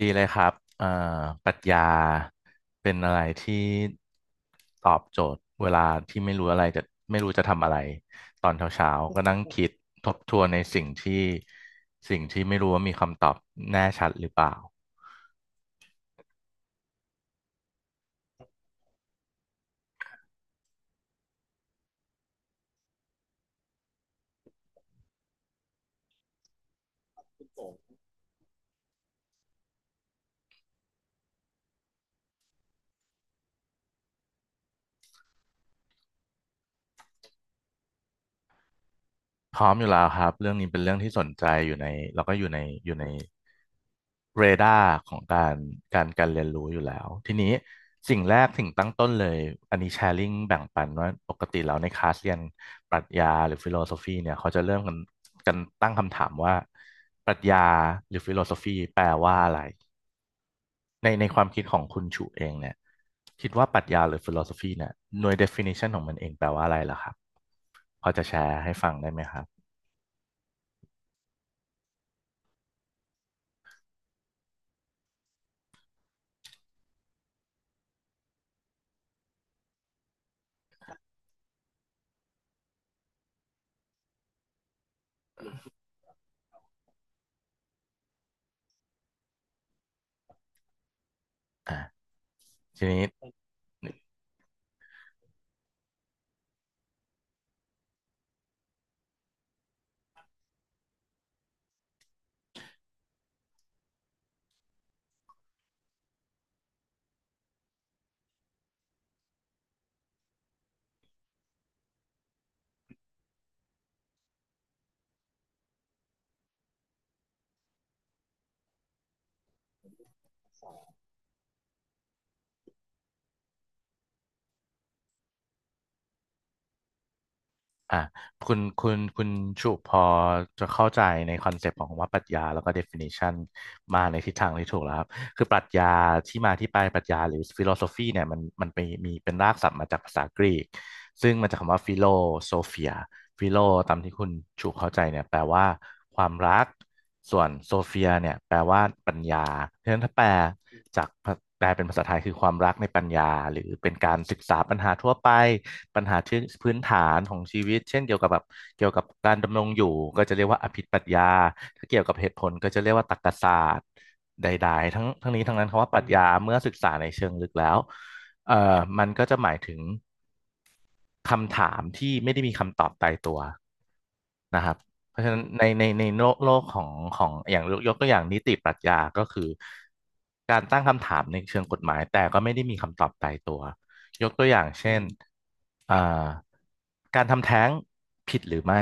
ดีเลยครับปรัชญาเป็นอะไรที่ตอบโจทย์เวลาที่ไม่รู้อะไรจะไม่รู้จะทำอะไรตอนเช้าๆก็นั่งคิดทบทวนในสิ่งที่ไม่รู้ว่ามีคำตอบแน่ชัดหรือเปล่าพร้อมอยู่แล้วครับเรื่องนี้เป็นเรื่องที่สนใจอยู่ในแล้วก็อยู่ในอยู่ใน เรดาร์ของการเรียนรู้อยู่แล้วทีนี้สิ่งแรกสิ่งตั้งต้นเลยอันนี้แชร์ลิงแบ่งปันว่าปกติแล้วในคลาสเรียนปรัชญาหรือฟิโลโซฟีเนี่ยเขาจะเริ่มกันตั้งคำถามว่าปรัชญาหรือฟิโลโซฟีแปลว่าอะไรในความคิดของคุณชูเองเนี่ยคิดว่าปรัชญาหรือฟิโลโซฟีเนี่ยหน่วย definition ของมันเองแปลว่าอะไรล่ะครับพอจะแชร์ให้ฟังได้ไหมครับทีนี้ อ่ะคุณชุพอจะเข้าใจในคอนเซปต์ของคำว่าปรัชญาแล้วก็ definition มาในทิศทางที่ถูกแล้วครับคือปรัชญาที่มาที่ไปปรัชญาหรือ philosophy เนี่ยมันไปมีเป็นรากศัพท์มาจากภาษากรีกซึ่งมาจากคำว่า philosophia ฟิโลตามที่คุณชูเข้าใจเนี่ยแปลว่าความรักส่วนโซเฟียเนี่ยแปลว่าปัญญาเพราะฉะนั้นถ้าจากแปลเป็นภาษาไทยคือความรักในปัญญาหรือเป็นการศึกษาปัญหาทั่วไปปัญหาที่พื้นฐานของชีวิตเช่นเกี่ยวกับแบบเกี่ยวกับการดำรงอยู่ก็จะเรียกว่าอภิปรัชญาถ้าเกี่ยวกับเหตุผลก็จะเรียกว่าตรรกศาสตร์ใดๆทั้งนี้ทั้งนั้นคำว่าปรัชญาเมื่อศึกษาในเชิงลึกแล้วมันก็จะหมายถึง คำถามที่ไม่ได้มีคำตอบตายตัวนะครับเพราะฉะนั้นในโลกของอย่างยกตัวอย่างนิติปรัชญาก็คือการตั้งคำถามในเชิงกฎหมายแต่ก็ไม่ได้มีคำตอบตายตัวยกตัวอย่างเช่นอ่าการทำแท้งผิดหรือไม่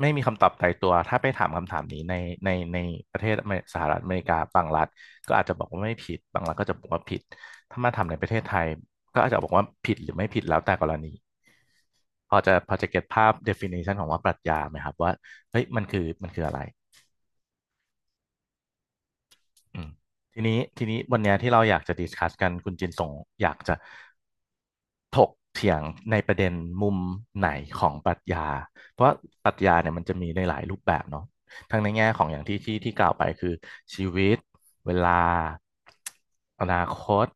ไม่มีคำตอบตายตัว ถ้าไปถามคำถามนี้ในประเทศอเมริสหรัฐอเมริกาบางรัฐก็อาจจะบอกว่าไม่ผิดบางรัฐก็จะบอกว่าผิดถ้ามาทำในประเทศไทยก็อาจจะบอกว่าผิดหรือไม่ผิดแล้วแต่กรณีพอจะเก็ตภาพ definition ของว่าปรัชญาไหมครับว่าเฮ้ยมันคืออะไรอืมทีนี้วันเนี้ยที่เราอยากจะดิสคัสกันคุณจินสงอยากจะ ถกเถียงในประเด็นมุมไหนของปรัชญาเพราะปรัชญาเนี่ยมันจะมีในหลายรูปแบบเนาะทั้งในแง่ของอย่างที่กล่าวไปคือชีวิตเวลาอนาคต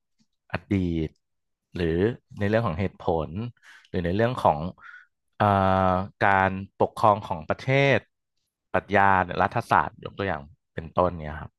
อดีตหรือในเรื่องของเหตุผลหรือในเรื่องของเอ่อการปกครองของประเทศปรัชญารัฐศาสตร์ยกตัวอย่างเป็นต้นเนี่ยครับ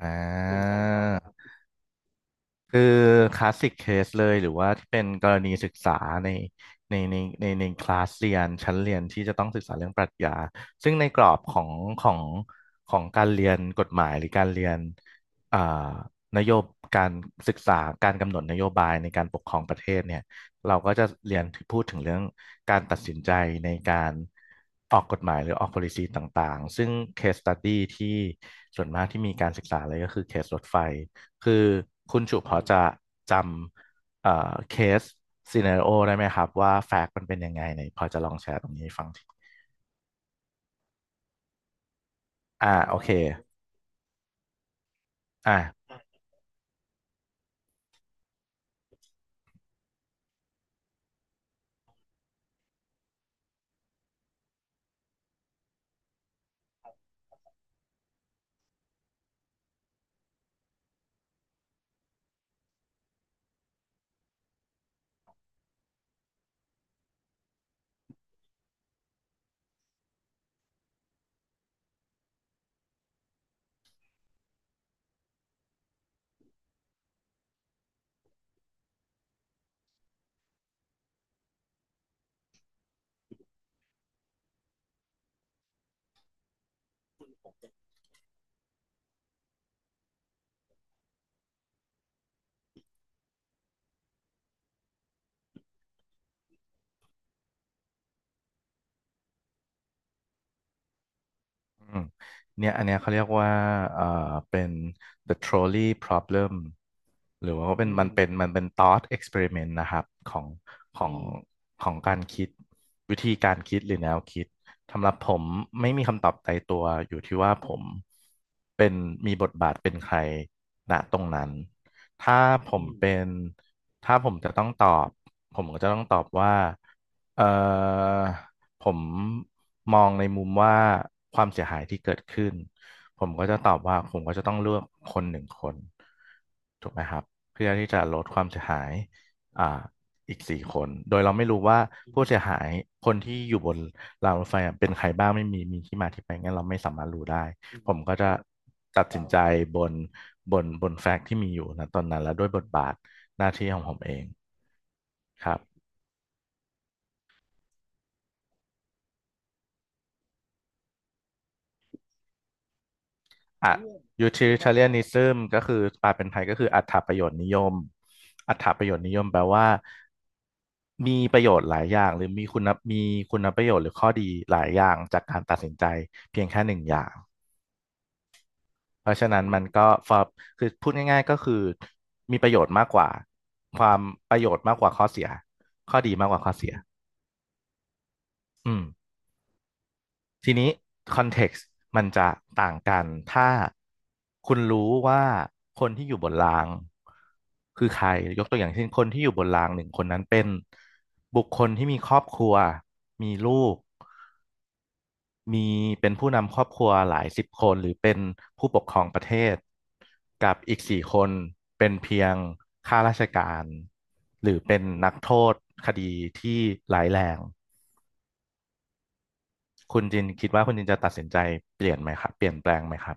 อ่าครับ คือคลาสสิกเคสเลยหรือว่าที่เป็นกรณีศึกษาในในคลาสเรียนชั้นเรียนที่จะต้องศึกษาเรื่องปรัชญาซึ่งในกรอบของของการเรียนกฎหมายหรือการเรียนอ่านโยบการศึกษาการกำหนดนโยบายในการปกครองประเทศเนี่ยเราก็จะเรียนพูดถึงเรื่องการตัดสินใจในการออกกฎหมายหรือออก policy ต่างๆซึ่ง case study ที่ส่วนมากที่มีการศึกษาเลยก็คือเคสรถไฟ คือคุณจุพอจะจำเคสซีเน a r โอได้ไหมครับว่าแฟกต์มันเป็นยังไงไหนพอจะลองแชร์ตรงนี้ให้ฟังทีอ่าโอเคอ่า อืมเนี่ยอันเนี้ยเขาเรียกว่าเอ่อเป็น the trolley problem หรือว่าเป็นอืมันมเป็นมันเป็น thought experiment นะครับของขออืงของการคิดวิธีการคิดหรือแนวคิดสำหรับผมไม่มีคำตอบตายตัวอยู่ที่ว่าผมเป็นมีบทบาทเป็นใครณตรงนั้นถ้าผอืมมเป็นถ้าผมจะต้องตอบผมก็จะต้องตอบว่าเอ่อ ผมมองในมุมว่าความเสียหายที่เกิดขึ้นผมก็จะตอบว่าผมก็จะต้องเลือกคนหนึ่งคนถูกไหมครับเพื่อที่จะลดความเสียหายอ่าอีกสี่คนโดยเราไม่รู้ว่าผู้เสียหายคนที่อยู่บนรางรถไฟอะเป็นใครบ้างไม่มีมีที่มาที่ไปงั้นเราไม่สามารถรู้ได้ผมก็จะตัดสินใจบนบนแฟกต์ที่มีอยู่นะตอนนั้นและด้วยบทบาทหน้าที่ของผมเองครับ อ่ะ utilitarianism ก็คือแปลเป็นไทยก็คืออัตถประโยชน์นิยมอัตถประโยชน์นิยมแปลว่ามีประโยชน์หลายอย่างหรือมีคุณมีคุณประโยชน์หรือข้อดีหลายอย่างจากการตัดสินใจเพียงแค่หนึ่งอย่างเพราะฉะนั้นมันก็ฟ o คือพูดง่ายๆก็คือมีประโยชน์มากกว่าความประโยชน์มากกว่าข้อเสียข้อดีมากกว่าข้อเสียอืม ทีนี้คอนเท็กซ์มันจะต่างกัน ถ้าคุณรู้ว่าคนที่อยู่บนรางคือใครยกตัวอย่างเช่นคนที่อยู่บนรางหนึ่งคนนั้นเป็นบุคคลที่มีครอบครัว มีลูก มีเป็นผู้นำครอบครัวหลายสิบคน หรือเป็นผู้ปกครองประเทศ กับอีกสี่คนเป็นเพียงข้าราชการหรือเป็นนักโทษคดีที่ร้ายแรงคุณจินคิดว่าคุณจินจะตัดสินใจเปลี่ยนไหมครับเปลี่ยนแปลงไหมครับ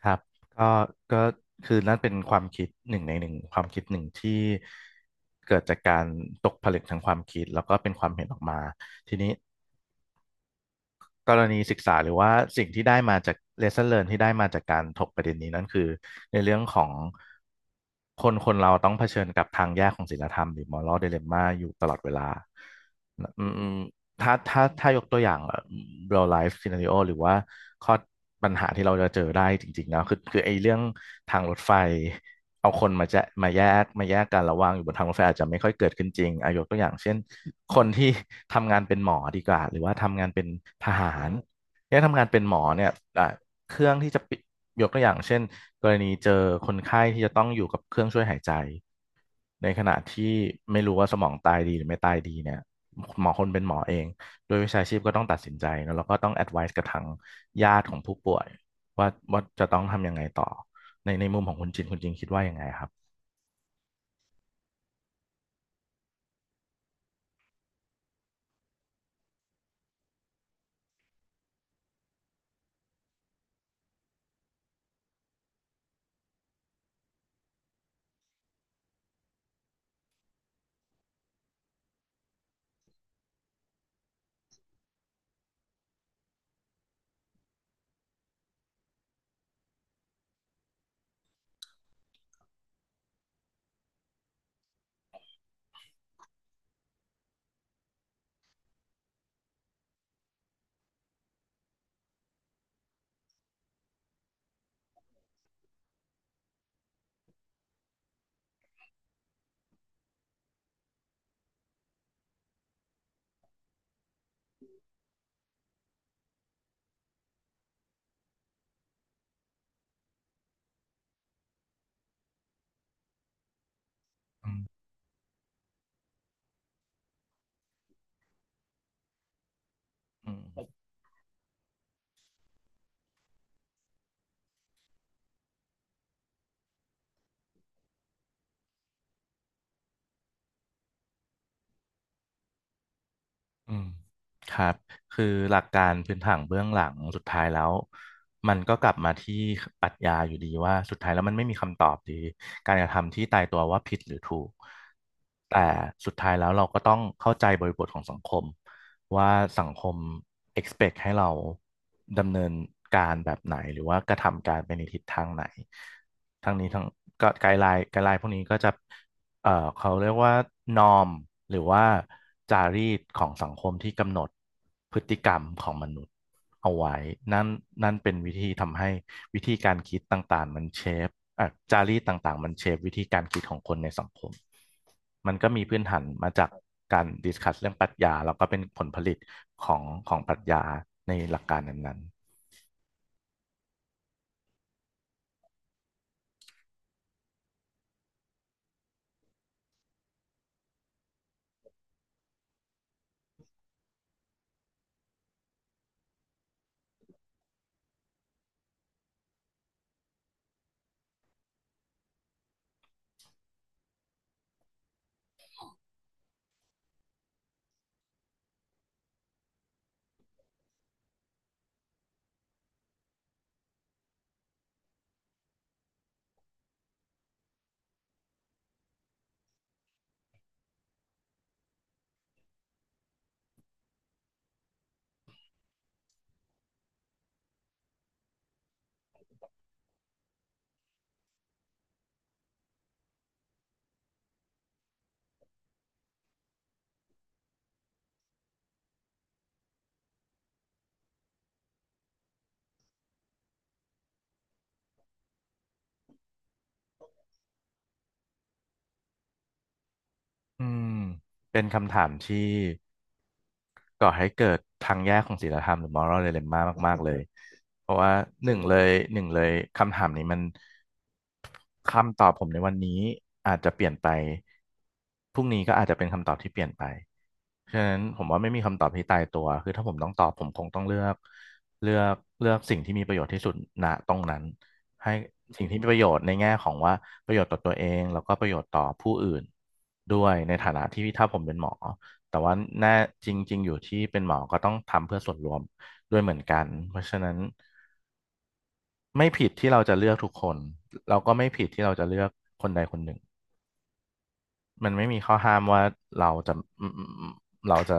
ครับก็ก็คือนั่นเป็นความคิดหนึ่งในหนึ่งความคิดหนึ่งที่เกิดจากการตกผลึกทางความคิดแล้วก็เป็นความเห็นออกมาทีนี้กรณีศึกษาหรือว่าสิ่งที่ได้มาจาก lesson learn ที่ได้มาจากการถกประเด็นนี้นั่นคือในเรื่องของคนคนเราต้องเผชิญกับทางแยกของศีลธรรมหรือ moral dilemma อยู่ตลอดเวลาอืม ถ้ายกตัวอย่างเ e l ไลฟ์ซีนาริโอ real life scenario หรือว่าข้อปัญหาที่เราจะเจอได้จริงๆแล้วคือไอ้เรื่องทางรถไฟเอาคนมาแจะมาแยกกันระหว่างอยู่บนทางรถไฟอาจจะไม่ค่อยเกิดขึ้นจริงอายกตัวอย่างเช่นคนที่ทำงานเป็นหมอดีกว่าหรือว่าทำงานเป็นทหารเนี่ยทำงานเป็นหมอเนี่ยอ่ะเครื่องที่จะปิยกตัวอย่างเช่นกรณีเจอคนไข้ที่จะต้องอยู่กับเครื่องช่วยหายใจในขณะที่ไม่รู้ว่าสมองตายดีหรือไม่ตายดีเนี่ย หมอคนเป็นหมอเองโดยวิชาชีพก็ต้องตัดสินใจเนอะแล้วก็ต้อง advice กับทางญาติของผู้ป่วยว่าว่าจะต้องทำยังไงต่อ ในในมุมของคุณจินคุณจินคิดว่ายังไงครับอืมอืม อืมครับคือหลักการพื้นฐานเบื้องหลังสุดท้ายแล้วมันก็กลับมาที่ปรัชญาอยู่ดีว่าสุดท้ายแล้วมันไม่มีคำตอบดีการกระทำที่ตายตัวว่าผิดหรือถูกแต่สุดท้ายแล้วเราก็ต้องเข้าใจบริบทของสังคมว่าสังคม expect ให้เราดำเนินการแบบไหนหรือว่ากระทำการไปในทิศทางไหนทั้งนี้ทั้งก็ไกด์ไลน์พวกนี้ก็จะ เอ่อเขาเรียกว่านอมหรือว่าจารีตของสังคมที่กำหนดพฤติกรรมของมนุษย์เอาไว้นั่นนั่นเป็นวิธีทำให้วิธีการคิดต่างๆมันเชฟจารีตต่างๆมันเชฟวิธีการคิดของคนในสังคมมันก็มีพื้นฐานมาจากการดิสคัสเรื่องปรัชญาแล้วก็เป็นผลผลิตของของปรัชญาในหลักการนั้นๆอืมเป็นคำถามที่ ก่อให้เกิดทางแยกของศีลธรรมหรือ moral dilemma มากๆเลยเพราะว่าหนึ่งเลยหนึ่งเลยคำถามนี้มัน คำตอบผมในวันนี้อาจจะเปลี่ยนไปพรุ่งนี้ก็อาจจะเป็นคำตอบที่เปลี่ยนไปฉะนั้นผมว่าไม่มีคำตอบที่ตายตัวคือถ้าผมต้องตอบผมคงต้องเลือกเลือกเลือกสิ่งที่มีประโยชน์ที่สุดณตรงนั้นให้สิ่งที่มีประโยชน์ในแง่ของว่าประโยชน์ต่อตัวเองแล้วก็ประโยชน์ต่อผู้อื่นด้วยในฐานะที่ถ้าผมเป็นหมอแต่ว่าแน่จริงๆอยู่ที่เป็นหมอก็ต้องทำเพื่อส่วนรวมด้วยเหมือนกันเพราะฉะนั้น ไม่ผิดที่เราจะเลือกทุกคนเราก็ไม่ผิดที่เราจะเลือกคนใดคนหนึ่งมันไม่มีข้อห้ามว่าเราจะอืมอเราจะ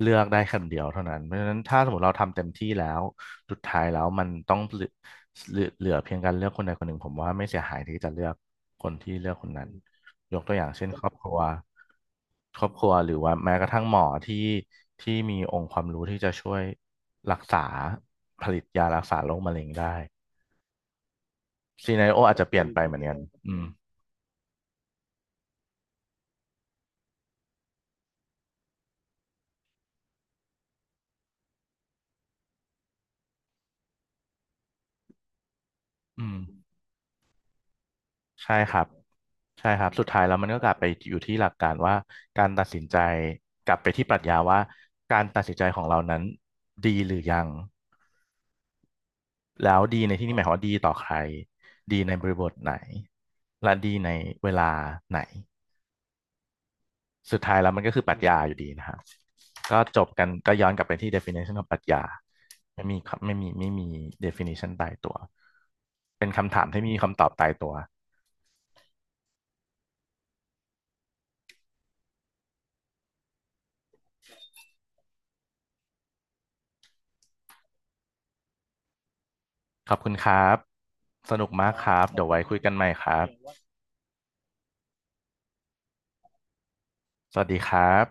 เลือกได้คนเดียวเท่านั้นเพราะฉะนั้นถ้าสมมติเราทำเต็มที่แล้วสุดท้ายแล้วมันต้องเหลือเหลือเพียงการเลือกคนใดคนหนึ่งผมว่าไม่เสียหายที่จะเลือกคนที่เลือกคนนั้นยกตัวอย่างเช่นครอบครัวหรือว่าแม้กระทั่งหมอที่ที่มีองค์ความรู้ที่จะช่วยรักษาผลิตยารักษาโรคมะเร็งได้ ซีนาริโออาจจะเปลี่ยนไปเหมือนกันอืมอืมใช่ครับใช่ครับสุดท้ายแล้วมันก็กลับไปอยู่ที่หลักการว่าการตัดสินใจกลับไปที่ปรัชญาว่าการตัดสินใจของเรานั้นดีหรือยังแล้วดีในที่นี้หมายความว่าดีต่อใครดีในบริบทไหนและดีในเวลาไหนสุดท้ายแล้วมันก็คือปรัชญาอยู่ดีนะครับก็จบกันก็ย้อนกลับไปที่ definition ของปรัชญาไม่มีครับไม่มี definition ตายตัวเป็นคำถามที่ไมมีคำตอบตายตัว ขอบคุณครับ สนุกมากครับ เดี๋ยวไว้คุยกันใหม่ครับ สวัสดีครับ